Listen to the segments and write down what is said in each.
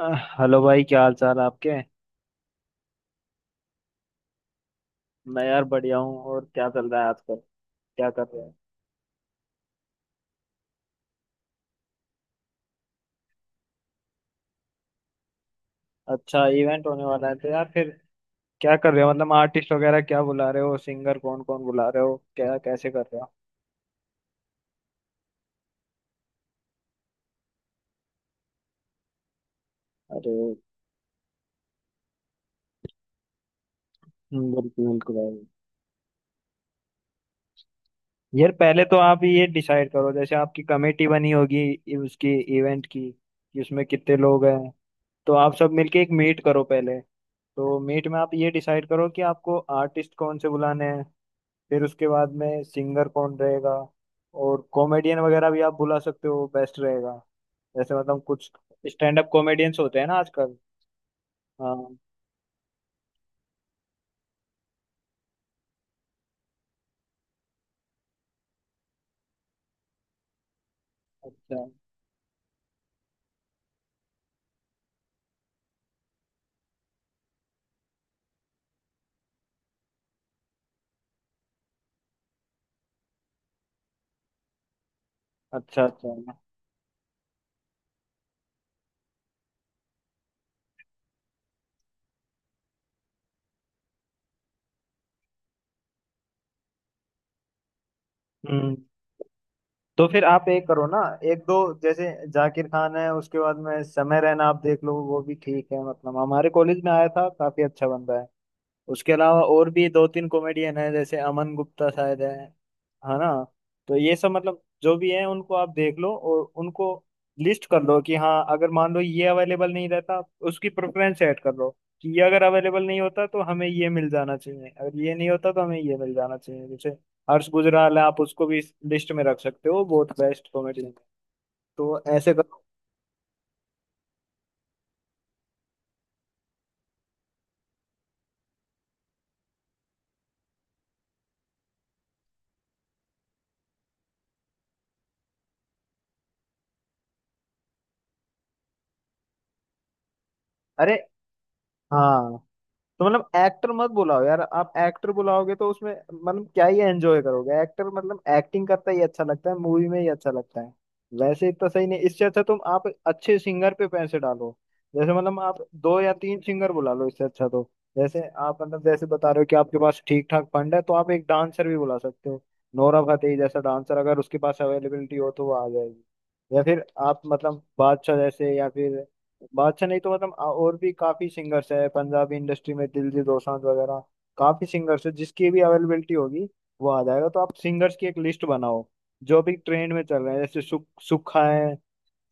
Hello भाई, क्या हाल चाल है आपके। मैं यार बढ़िया हूँ। और क्या चल रहा है आजकल? क्या कर रहे हैं? अच्छा, इवेंट होने वाला है तो यार फिर क्या कर रहे हो? मतलब आर्टिस्ट वगैरह क्या बुला रहे हो? सिंगर कौन कौन बुला रहे हो? क्या कैसे कर रहे हो? अरे बिल्कुल बिल्कुल भाई। यार पहले तो आप ये डिसाइड करो, जैसे आपकी कमेटी बनी होगी उसकी इवेंट की, कि उसमें कितने लोग हैं। तो आप सब मिलके एक मीट करो पहले। तो मीट में आप ये डिसाइड करो कि आपको आर्टिस्ट कौन से बुलाने हैं। फिर उसके बाद में सिंगर कौन रहेगा। और कॉमेडियन वगैरह भी आप बुला सकते हो, बेस्ट रहेगा। जैसे मतलब कुछ स्टैंड अप कॉमेडियंस होते हैं ना आजकल। हाँ, अच्छा अच्छा अच्छा। हम्म तो फिर आप एक करो ना, एक दो, जैसे जाकिर खान है, उसके बाद में समय रैना, आप देख लो वो भी ठीक है, मतलब हमारे कॉलेज में आया था, काफी अच्छा बंदा है। उसके अलावा और भी दो तीन कॉमेडियन है, जैसे अमन गुप्ता शायद है ना। तो ये सब मतलब जो भी है उनको आप देख लो और उनको लिस्ट कर लो, कि हाँ अगर मान लो ये अवेलेबल नहीं रहता, उसकी प्रेफरेंस ऐड कर लो। कि ये अगर अवेलेबल नहीं होता तो हमें ये मिल जाना चाहिए, अगर ये नहीं होता तो हमें ये मिल जाना चाहिए। जैसे हर्ष गुजराल है, आप उसको भी लिस्ट में रख सकते हो, बहुत बेस्ट कॉमेडियन। तो ऐसे करो। अरे हाँ, तो मतलब एक्टर मत बुलाओ यार। आप एक्टर बुलाओगे तो उसमें मतलब क्या ही एंजॉय करोगे? एक्टर मतलब एक्टिंग करता ही अच्छा लगता है, मूवी में ही अच्छा लगता है, वैसे इतना सही नहीं। इससे अच्छा तुम आप अच्छे सिंगर पे पैसे डालो। जैसे मतलब आप दो या तीन सिंगर बुला लो, इससे अच्छा। तो जैसे आप मतलब जैसे बता रहे हो कि आपके पास ठीक ठाक फंड है, तो आप एक डांसर भी बुला सकते हो। नोरा फतेही जैसा डांसर, अगर उसके पास अवेलेबिलिटी हो तो वो आ जाएगी। या फिर आप मतलब बादशाह जैसे, या फिर बादशाह नहीं तो मतलब और भी काफी सिंगर्स है पंजाबी इंडस्ट्री में, दिलजीत दोसांझ वगैरह। काफी सिंगर्स है, जिसकी भी अवेलेबिलिटी होगी वो आ जाएगा। तो आप सिंगर्स की एक लिस्ट बनाओ, जो भी ट्रेंड में चल रहे हैं, जैसे सुख, सुखा है,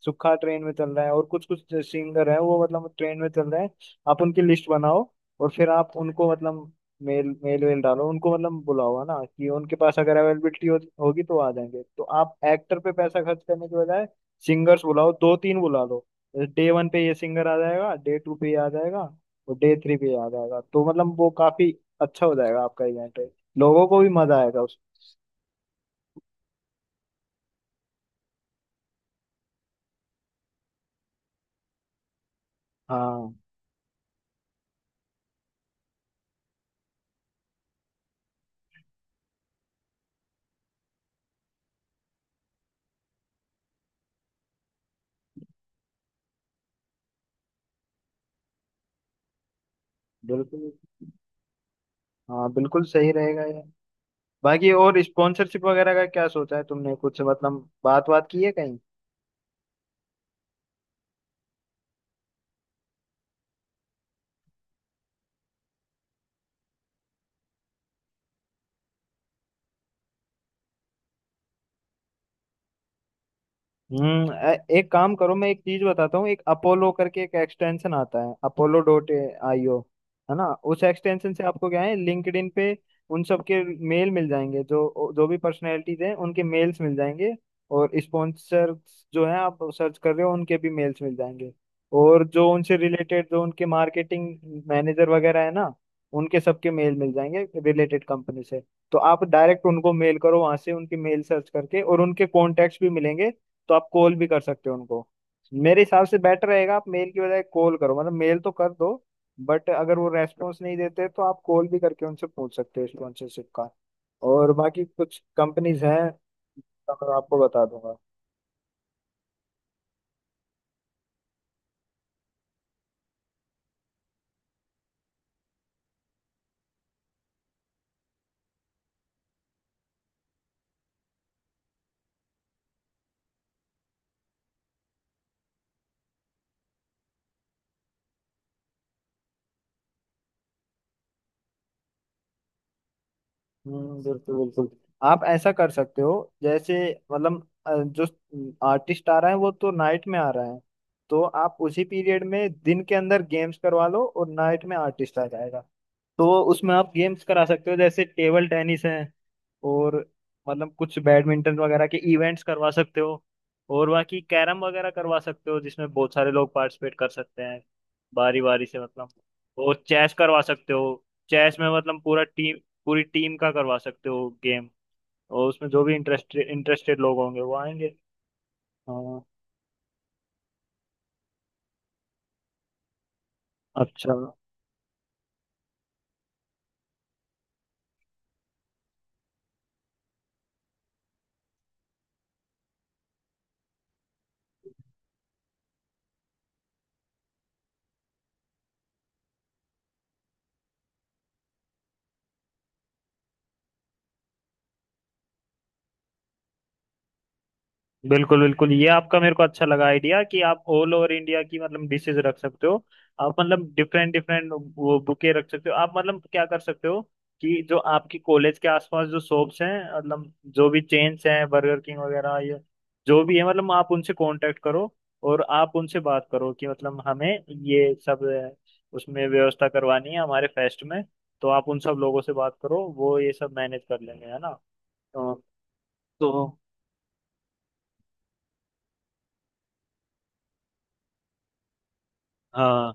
सुखा ट्रेन में चल रहा है, और कुछ कुछ सिंगर है वो मतलब ट्रेन में चल रहे हैं, आप उनकी लिस्ट बनाओ। और फिर आप उनको मतलब मेल मेल वेल डालो, उनको मतलब बुलाओ, है ना। कि उनके पास अगर अवेलेबिलिटी होगी तो आ जाएंगे। तो आप एक्टर पे पैसा खर्च करने के बजाय सिंगर्स बुलाओ, दो तीन बुला लो। डे वन पे ये सिंगर आ जाएगा, डे टू पे ये आ जाएगा, और डे थ्री पे ये आ जाएगा। तो मतलब वो काफी अच्छा हो जाएगा आपका इवेंट। लोगों को भी मजा आएगा उस। हाँ बिल्कुल, हाँ बिल्कुल सही रहेगा ये। बाकी और स्पॉन्सरशिप वगैरह का क्या सोचा है तुमने? कुछ मतलब बात बात की है कहीं? एक काम करो, मैं एक चीज बताता हूँ। एक अपोलो करके एक एक्सटेंशन आता है, apollo.io, है ना। उस एक्सटेंशन से आपको क्या है, लिंक्डइन पे उन सब के मेल मिल जाएंगे, जो जो भी पर्सनैलिटीज हैं उनके मेल्स मिल जाएंगे। और स्पॉन्सर जो है आप सर्च कर रहे हो उनके भी मेल्स मिल जाएंगे। और जो उनसे रिलेटेड, जो उनके मार्केटिंग मैनेजर वगैरह है ना, उनके सबके मेल मिल जाएंगे रिलेटेड कंपनी से। तो आप डायरेक्ट उनको मेल करो वहां से, उनकी मेल सर्च करके, और उनके कॉन्टेक्ट्स भी मिलेंगे। तो आप कॉल भी कर सकते हो उनको। मेरे हिसाब से बेटर रहेगा आप मेल की बजाय कॉल करो, मतलब मेल तो कर दो, बट अगर वो रेस्पॉन्स नहीं देते तो आप कॉल भी करके उनसे पूछ सकते हो स्पॉन्सरशिप का। और बाकी कुछ कंपनीज हैं, अगर आपको बता दूंगा। हम्म, बिल्कुल बिल्कुल। आप ऐसा कर सकते हो। जैसे मतलब जो आर्टिस्ट आ रहा है वो तो नाइट में आ रहा है, तो आप उसी पीरियड में दिन के अंदर गेम्स करवा लो और नाइट में आर्टिस्ट आ जाएगा। तो उसमें आप गेम्स करा सकते हो, जैसे टेबल टेनिस है, और मतलब कुछ बैडमिंटन वगैरह के इवेंट्स करवा सकते हो, और बाकी कैरम वगैरह करवा सकते हो जिसमें बहुत सारे लोग पार्टिसिपेट कर सकते हैं, बारी बारी से। मतलब और चेस करवा सकते हो। चेस में मतलब पूरा टीम, पूरी टीम का करवा सकते हो गेम। और उसमें जो भी इंटरेस्टेड इंटरेस्टेड लोग होंगे वो आएंगे। हाँ, अच्छा। बिल्कुल बिल्कुल, ये आपका मेरे को अच्छा लगा आइडिया, कि आप ऑल ओवर इंडिया की मतलब डिशेज रख सकते हो। आप मतलब डिफरेंट डिफरेंट वो बुके रख सकते हो। आप मतलब क्या कर सकते हो, कि जो आपकी कॉलेज के आसपास जो शॉप्स हैं, मतलब जो भी चेन्स हैं बर्गर किंग वगैरह, ये जो भी है, मतलब आप उनसे कांटेक्ट करो और आप उनसे बात करो कि मतलब हमें ये सब उसमें व्यवस्था करवानी है हमारे फेस्ट में। तो आप उन सब लोगों से बात करो, वो ये सब मैनेज कर लेंगे, है ना। तो, तो हाँ,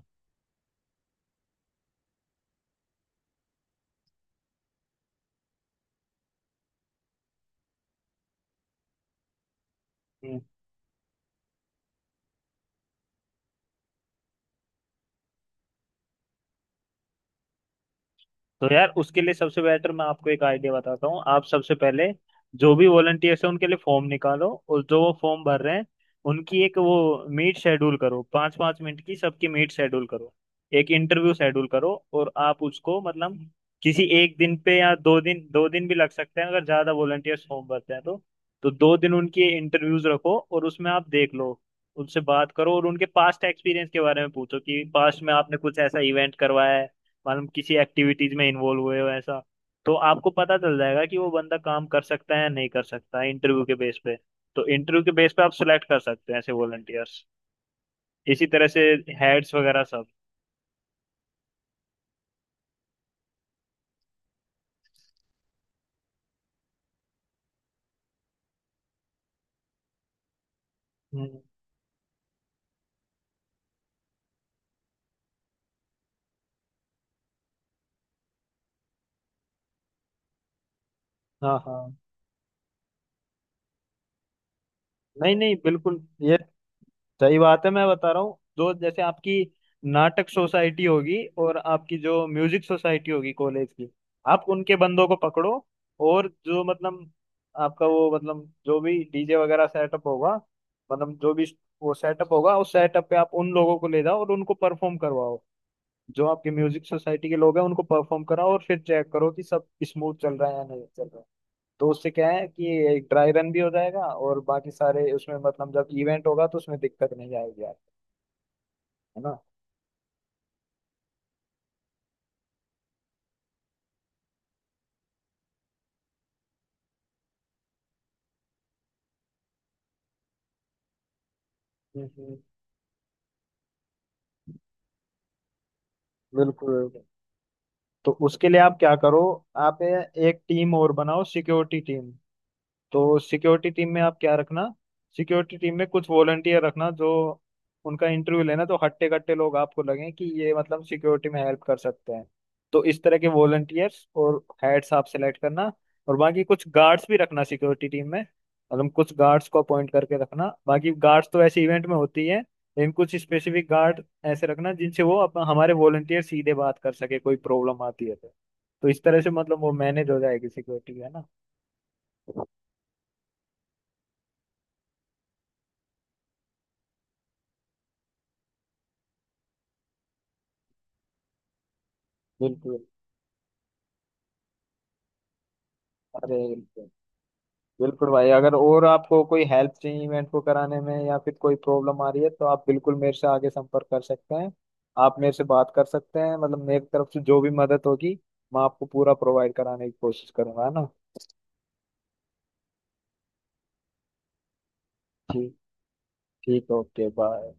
तो यार उसके लिए सबसे बेटर मैं आपको एक आइडिया बताता हूँ। आप सबसे पहले जो भी वॉलंटियर्स हैं उनके लिए फॉर्म निकालो, और जो वो फॉर्म भर रहे हैं उनकी एक वो मीट शेड्यूल करो, पाँच पाँच मिनट की सबकी मीट शेड्यूल करो, एक इंटरव्यू शेड्यूल करो। और आप उसको मतलब किसी एक दिन पे, या दो दिन, दो दिन भी लग सकते हैं अगर ज़्यादा वॉलंटियर्स फॉर्म भरते हैं तो। तो दो दिन उनकी इंटरव्यूज रखो, और उसमें आप देख लो, उनसे बात करो, और उनके पास्ट एक्सपीरियंस के बारे में पूछो कि पास्ट में आपने कुछ ऐसा इवेंट करवाया है, मालूम किसी एक्टिविटीज में इन्वॉल्व हुए हो ऐसा। तो आपको पता चल जाएगा कि वो बंदा काम कर सकता है या नहीं कर सकता है इंटरव्यू के बेस पे। तो इंटरव्यू के बेस पे आप सिलेक्ट कर सकते हैं ऐसे वॉलंटियर्स। इसी तरह से हेड्स वगैरह सब। हम्म, हाँ हाँ। नहीं नहीं बिल्कुल, ये सही बात है, मैं बता रहा हूँ। जो जैसे आपकी नाटक सोसाइटी होगी और आपकी जो म्यूजिक सोसाइटी होगी कॉलेज की, आप उनके बंदों को पकड़ो। और जो मतलब आपका वो मतलब जो भी डीजे वगैरह सेटअप होगा, मतलब जो भी वो सेटअप होगा, उस सेटअप पे आप उन लोगों को ले जाओ और उनको परफॉर्म करवाओ। जो आपकी म्यूजिक सोसाइटी के लोग हैं उनको परफॉर्म कराओ, और फिर चेक करो कि सब स्मूथ चल रहा है या नहीं चल रहा है। तो उससे क्या है कि एक ड्राई रन भी हो जाएगा, और बाकी सारे उसमें मतलब जब इवेंट होगा तो उसमें दिक्कत नहीं आएगी, है ना। हम्म। बिल्कुल बिल्कुल। तो उसके लिए आप क्या करो, आप एक टीम और बनाओ, सिक्योरिटी टीम। तो सिक्योरिटी टीम में आप क्या रखना, सिक्योरिटी टीम में कुछ वॉलंटियर रखना, जो उनका इंटरव्यू लेना, तो हट्टे कट्टे लोग आपको लगे कि ये मतलब सिक्योरिटी में हेल्प कर सकते हैं, तो इस तरह के वॉलंटियर्स और हेड्स आप सेलेक्ट करना। और बाकी कुछ गार्ड्स भी रखना सिक्योरिटी टीम में, मतलब कुछ गार्ड्स को अपॉइंट करके रखना। बाकी गार्ड्स तो ऐसे इवेंट में होती है, लेकिन कुछ स्पेसिफिक गार्ड ऐसे रखना जिनसे वो अपन हमारे वॉलंटियर सीधे बात कर सके, कोई प्रॉब्लम आती है तो। तो इस तरह से मतलब वो मैनेज हो जाएगी सिक्योरिटी, है ना। बिल्कुल। अरे बिल्कुल। बिल्कुल भाई, अगर और आपको कोई हेल्प चाहिए इवेंट को कराने में या फिर कोई प्रॉब्लम आ रही है तो आप बिल्कुल मेरे से आगे संपर्क कर सकते हैं। आप मेरे से बात कर सकते हैं, मतलब मेरी तरफ से जो भी मदद होगी मैं आपको पूरा प्रोवाइड कराने की कोशिश करूंगा, है ना। ठीक। ठीक, ओके, बाय।